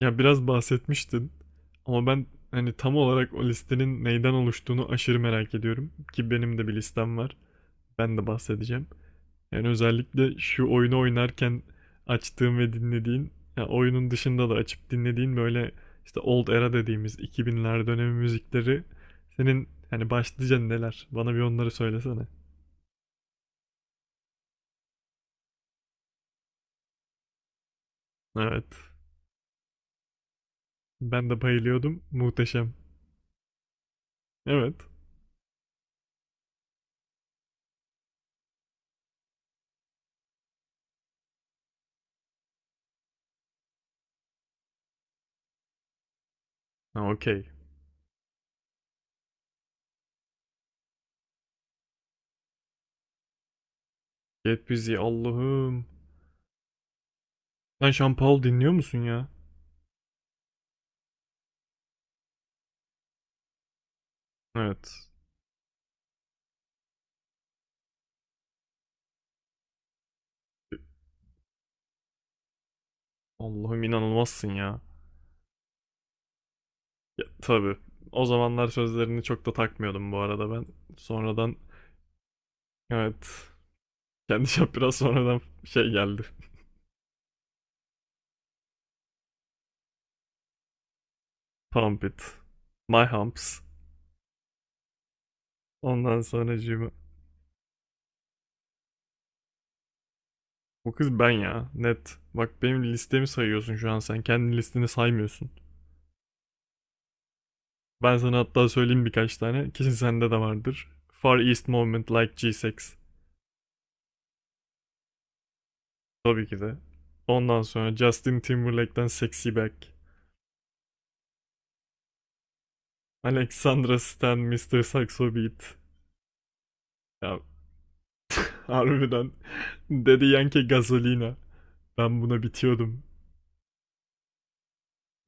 Ya biraz bahsetmiştin ama ben hani tam olarak o listenin neyden oluştuğunu aşırı merak ediyorum ki benim de bir listem var. Ben de bahsedeceğim. Yani özellikle şu oyunu oynarken açtığım ve dinlediğin, ya oyunun dışında da açıp dinlediğin böyle işte old era dediğimiz 2000'ler dönemi müzikleri senin hani başlıca neler? Bana bir onları söylesene. Evet. Ben de bayılıyordum. Muhteşem. Evet. Ha, okey. Get Busy, Allah'ım. Sen Sean Paul dinliyor musun ya? Evet. Allah'ım, inanılmazsın ya. Ya, tabii. O zamanlar sözlerini çok da takmıyordum bu arada ben. Sonradan evet. Kendi şap biraz sonradan şey geldi. Pump it. My humps. Ondan sonra sonracığıma. Bu kız ben ya. Net. Bak, benim listemi sayıyorsun şu an sen. Kendi listeni saymıyorsun. Ben sana hatta söyleyeyim birkaç tane. Kesin sende de vardır. Far East Movement, Like G6. Tabii ki de. Ondan sonra Justin Timberlake'den Sexy Back. Alexandra Stan, Mister Saxo Beat. Ya harbiden. Dedi Yankee Gasolina. Ben buna bitiyordum.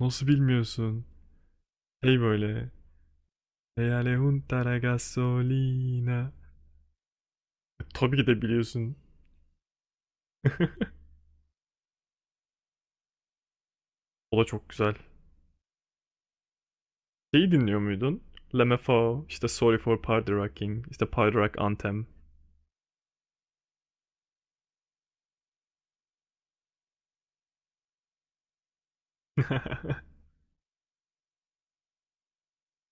Nasıl bilmiyorsun? Hey böyle. Hey Alejunta la Gasolina. Tabii ki de biliyorsun. O da çok güzel. Şeyi dinliyor muydun? Lemme Fao, işte Sorry for Party Rocking, işte Party Rock Anthem.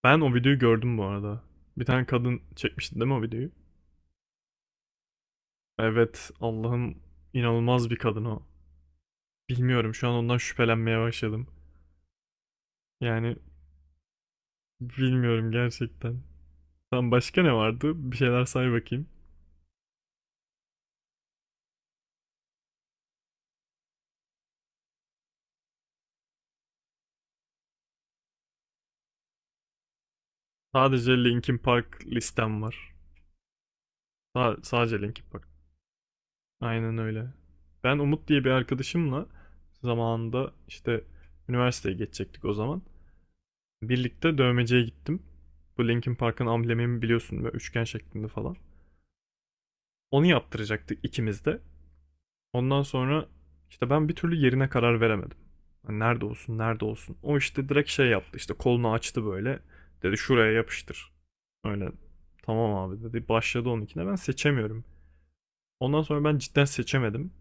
Ben o videoyu gördüm bu arada. Bir tane kadın çekmişti değil mi o videoyu? Evet, Allah'ım, inanılmaz bir kadın o. Bilmiyorum, şu an ondan şüphelenmeye başladım. Yani bilmiyorum gerçekten. Tam başka ne vardı? Bir şeyler say bakayım. Sadece Linkin Park listem var. Sadece Linkin Park. Aynen öyle. Ben Umut diye bir arkadaşımla zamanında işte üniversiteye geçecektik o zaman. Birlikte dövmeciye gittim. Bu Linkin Park'ın amblemini biliyorsun, böyle üçgen şeklinde falan. Onu yaptıracaktık ikimiz de. Ondan sonra işte ben bir türlü yerine karar veremedim. Hani nerede olsun, nerede olsun. O işte direkt şey yaptı, işte kolunu açtı böyle. Dedi, şuraya yapıştır. Öyle tamam abi dedi. Başladı onunkine. Ben seçemiyorum. Ondan sonra ben cidden seçemedim.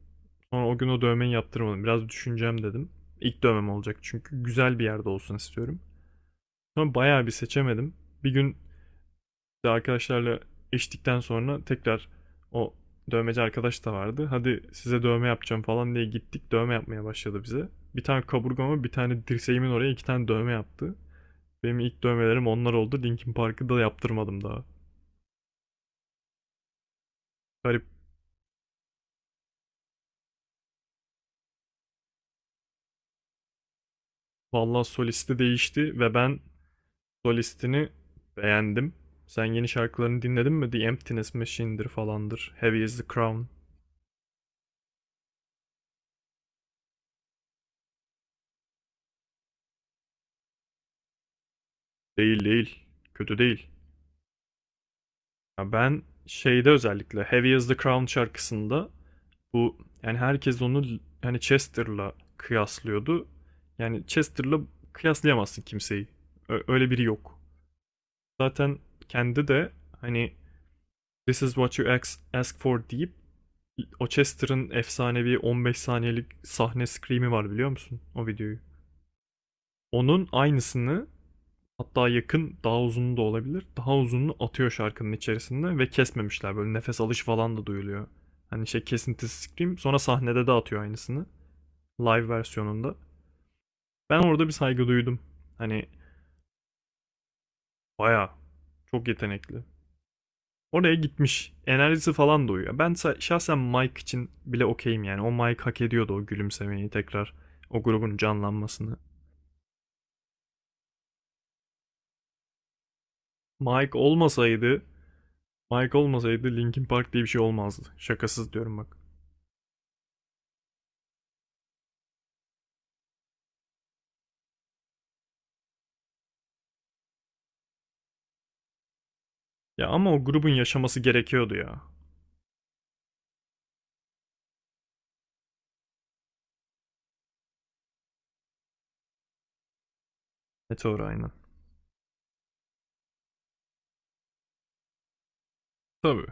Sonra o gün o dövmeyi yaptırmadım. Biraz düşüneceğim dedim. İlk dövmem olacak çünkü güzel bir yerde olsun istiyorum. Sonra bayağı bir seçemedim. Bir gün işte arkadaşlarla içtikten sonra tekrar o dövmeci arkadaş da vardı. Hadi size dövme yapacağım falan diye gittik. Dövme yapmaya başladı bize. Bir tane kaburgama, bir tane dirseğimin oraya, 2 tane dövme yaptı. Benim ilk dövmelerim onlar oldu. Linkin Park'ı da yaptırmadım daha. Garip. Vallahi solisti değişti ve ben solistini beğendim. Sen yeni şarkılarını dinledin mi? The Emptiness Machine'dir falandır. Heavy is the Crown. Değil değil. Kötü değil. Ya ben şeyde, özellikle Heavy is the Crown şarkısında, bu yani herkes onu yani Chester'la kıyaslıyordu. Yani Chester'la kıyaslayamazsın kimseyi. Öyle biri yok. Zaten kendi de hani, This is what you ask, ask for deyip, o Chester'ın efsanevi 15 saniyelik sahne scream'i var, biliyor musun o videoyu? Onun aynısını, hatta yakın, daha uzun da olabilir. Daha uzununu atıyor şarkının içerisinde ve kesmemişler, böyle nefes alış falan da duyuluyor. Hani şey, kesintisiz scream, sonra sahnede de atıyor aynısını, live versiyonunda. Ben orada bir saygı duydum. Hani baya çok yetenekli. Oraya gitmiş. Enerjisi falan da uyuyor. Ben şahsen Mike için bile okeyim yani. O Mike hak ediyordu o gülümsemeyi tekrar. O grubun canlanmasını. Mike olmasaydı, Mike olmasaydı Linkin Park diye bir şey olmazdı. Şakasız diyorum bak. Ya ama o grubun yaşaması gerekiyordu ya. Meteor aynen. Tabii.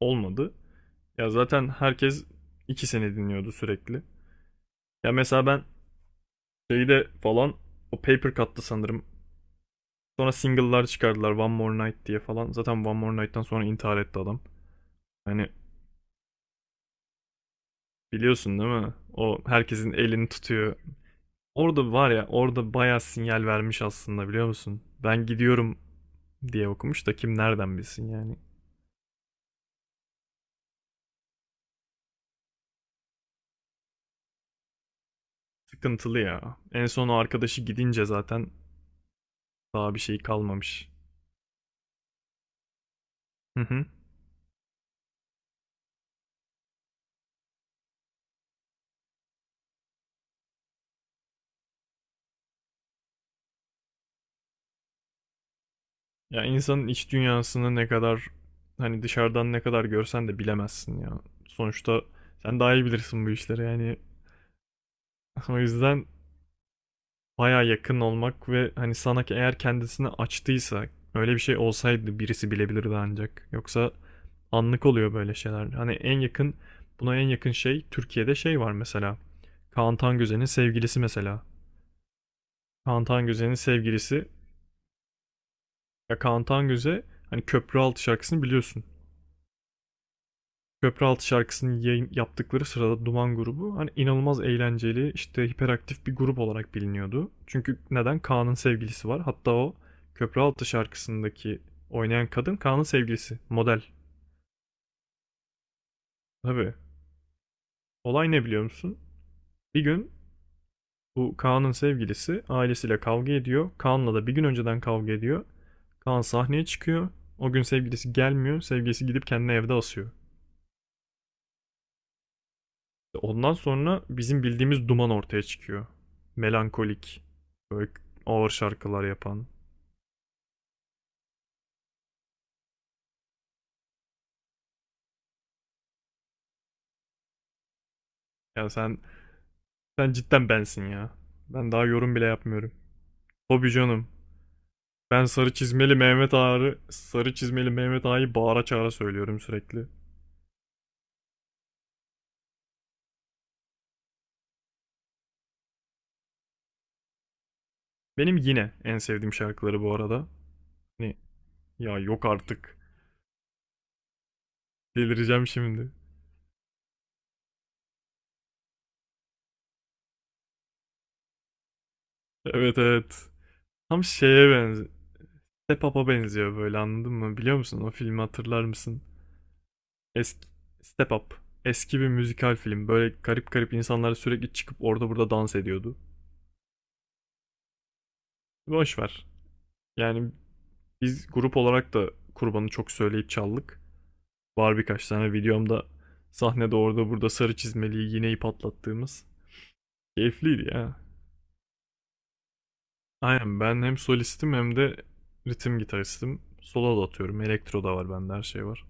Olmadı. Ya zaten herkes ikisini dinliyordu sürekli. Ya mesela ben şeyde falan, o Paper Cut'tı sanırım. Sonra single'lar çıkardılar, One More Night diye falan. Zaten One More Night'tan sonra intihar etti adam. Hani biliyorsun değil mi? O herkesin elini tutuyor. Orada var ya, orada bayağı sinyal vermiş aslında, biliyor musun? Ben gidiyorum diye okumuş da kim nereden bilsin yani. Sıkıntılı ya. En son o arkadaşı gidince zaten daha bir şey kalmamış. Hı hı. Ya insanın iç dünyasını ne kadar, hani dışarıdan ne kadar görsen de bilemezsin ya. Sonuçta sen daha iyi bilirsin bu işleri yani. O yüzden baya yakın olmak ve hani sana, ki eğer kendisini açtıysa, öyle bir şey olsaydı birisi bilebilirdi ancak. Yoksa anlık oluyor böyle şeyler. Hani en yakın, buna en yakın şey Türkiye'de şey var mesela. Kaan Tangöze'nin sevgilisi mesela. Kaan Tangöze'nin sevgilisi, ya Kaan Tangöze hani Köprü Altı şarkısını biliyorsun. Köprüaltı şarkısını yayın yaptıkları sırada Duman grubu hani inanılmaz eğlenceli, işte hiperaktif bir grup olarak biliniyordu. Çünkü neden? Kaan'ın sevgilisi var. Hatta o Köprüaltı şarkısındaki oynayan kadın Kaan'ın sevgilisi. Model. Tabii. Olay ne biliyor musun? Bir gün bu Kaan'ın sevgilisi ailesiyle kavga ediyor. Kaan'la da bir gün önceden kavga ediyor. Kaan sahneye çıkıyor. O gün sevgilisi gelmiyor. Sevgilisi gidip kendini evde asıyor. Ondan sonra bizim bildiğimiz Duman ortaya çıkıyor. Melankolik, böyle ağır şarkılar yapan. Ya sen cidden bensin ya. Ben daha yorum bile yapmıyorum. Hobi canım. Ben sarı çizmeli Mehmet Ağa'yı, sarı çizmeli Mehmet Ağa'yı bağıra çağıra söylüyorum sürekli. Benim yine en sevdiğim şarkıları bu arada. Hani ya yok artık. Delireceğim şimdi. Evet evet. Tam şeye benziyor. Step Up'a benziyor böyle, anladın mı? Biliyor musun? O filmi hatırlar mısın? Eski Step Up. Eski bir müzikal film. Böyle garip garip insanlar sürekli çıkıp orada burada dans ediyordu. Boş. Yani biz grup olarak da kurbanı çok söyleyip çaldık. Var birkaç tane videomda sahnede orada burada sarı çizmeliği iğneyi patlattığımız. Keyifliydi ya. Aynen, ben hem solistim hem de ritim gitaristim. Solo da atıyorum. Elektro da var bende, her şey var.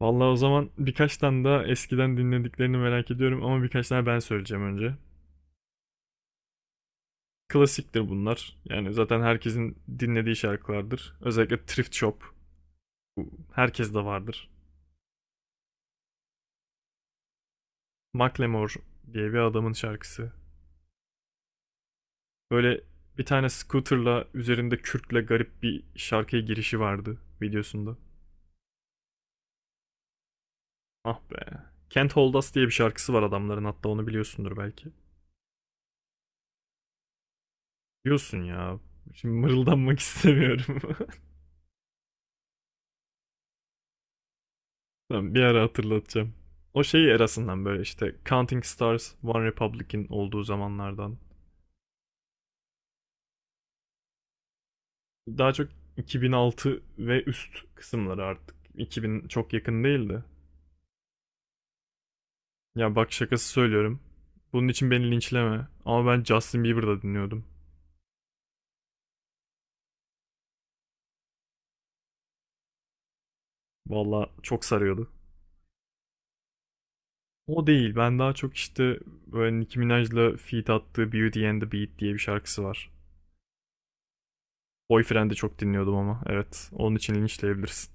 Vallahi o zaman birkaç tane daha eskiden dinlediklerini merak ediyorum, ama birkaç tane ben söyleyeceğim önce. Klasiktir bunlar. Yani zaten herkesin dinlediği şarkılardır. Özellikle Thrift Shop. Herkes de vardır. Macklemore diye bir adamın şarkısı. Böyle bir tane scooter'la üzerinde kürkle garip bir şarkıya girişi vardı videosunda. Ah be. Can't Hold Us diye bir şarkısı var adamların, hatta onu biliyorsundur belki. Biliyorsun ya. Şimdi mırıldanmak istemiyorum. Tamam, bir ara hatırlatacağım. O şeyi erasından, böyle işte Counting Stars, One Republic'in olduğu zamanlardan. Daha çok 2006 ve üst kısımları artık. 2000 çok yakın değildi. Ya bak, şakası söylüyorum. Bunun için beni linçleme. Ama ben Justin Bieber'da dinliyordum. Valla çok sarıyordu. O değil. Ben daha çok işte böyle Nicki Minaj'la feat attığı Beauty and the Beat diye bir şarkısı var. Boyfriend'i çok dinliyordum ama. Evet. Onun için linçleyebilirsin.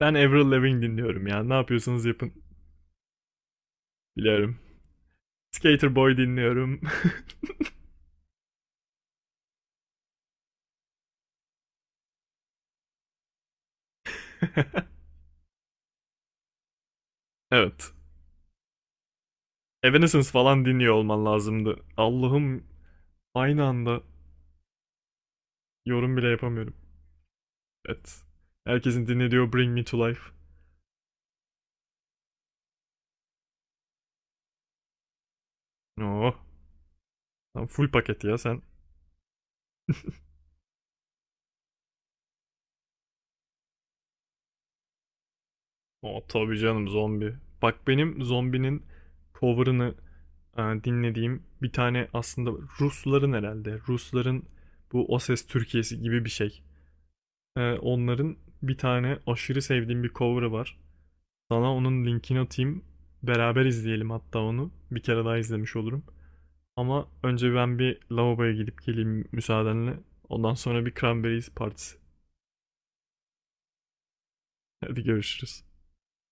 Ben Avril Lavigne dinliyorum ya. Ne yapıyorsanız yapın. Biliyorum. Skater Boy dinliyorum. Evet. Evanescence falan dinliyor olman lazımdı. Allah'ım, aynı anda yorum bile yapamıyorum. Evet. Herkesin dinlediği Bring Me To Life. Oh. Lan full paket ya sen. Oh tabii canım, zombi. Bak benim zombinin cover'ını dinlediğim bir tane aslında Rusların herhalde. Rusların bu O Ses Türkiye'si gibi bir şey. Onların bir tane aşırı sevdiğim bir cover'ı var. Sana onun linkini atayım. Beraber izleyelim hatta onu. Bir kere daha izlemiş olurum. Ama önce ben bir lavaboya gidip geleyim müsaadenle. Ondan sonra bir cranberries partisi. Hadi görüşürüz.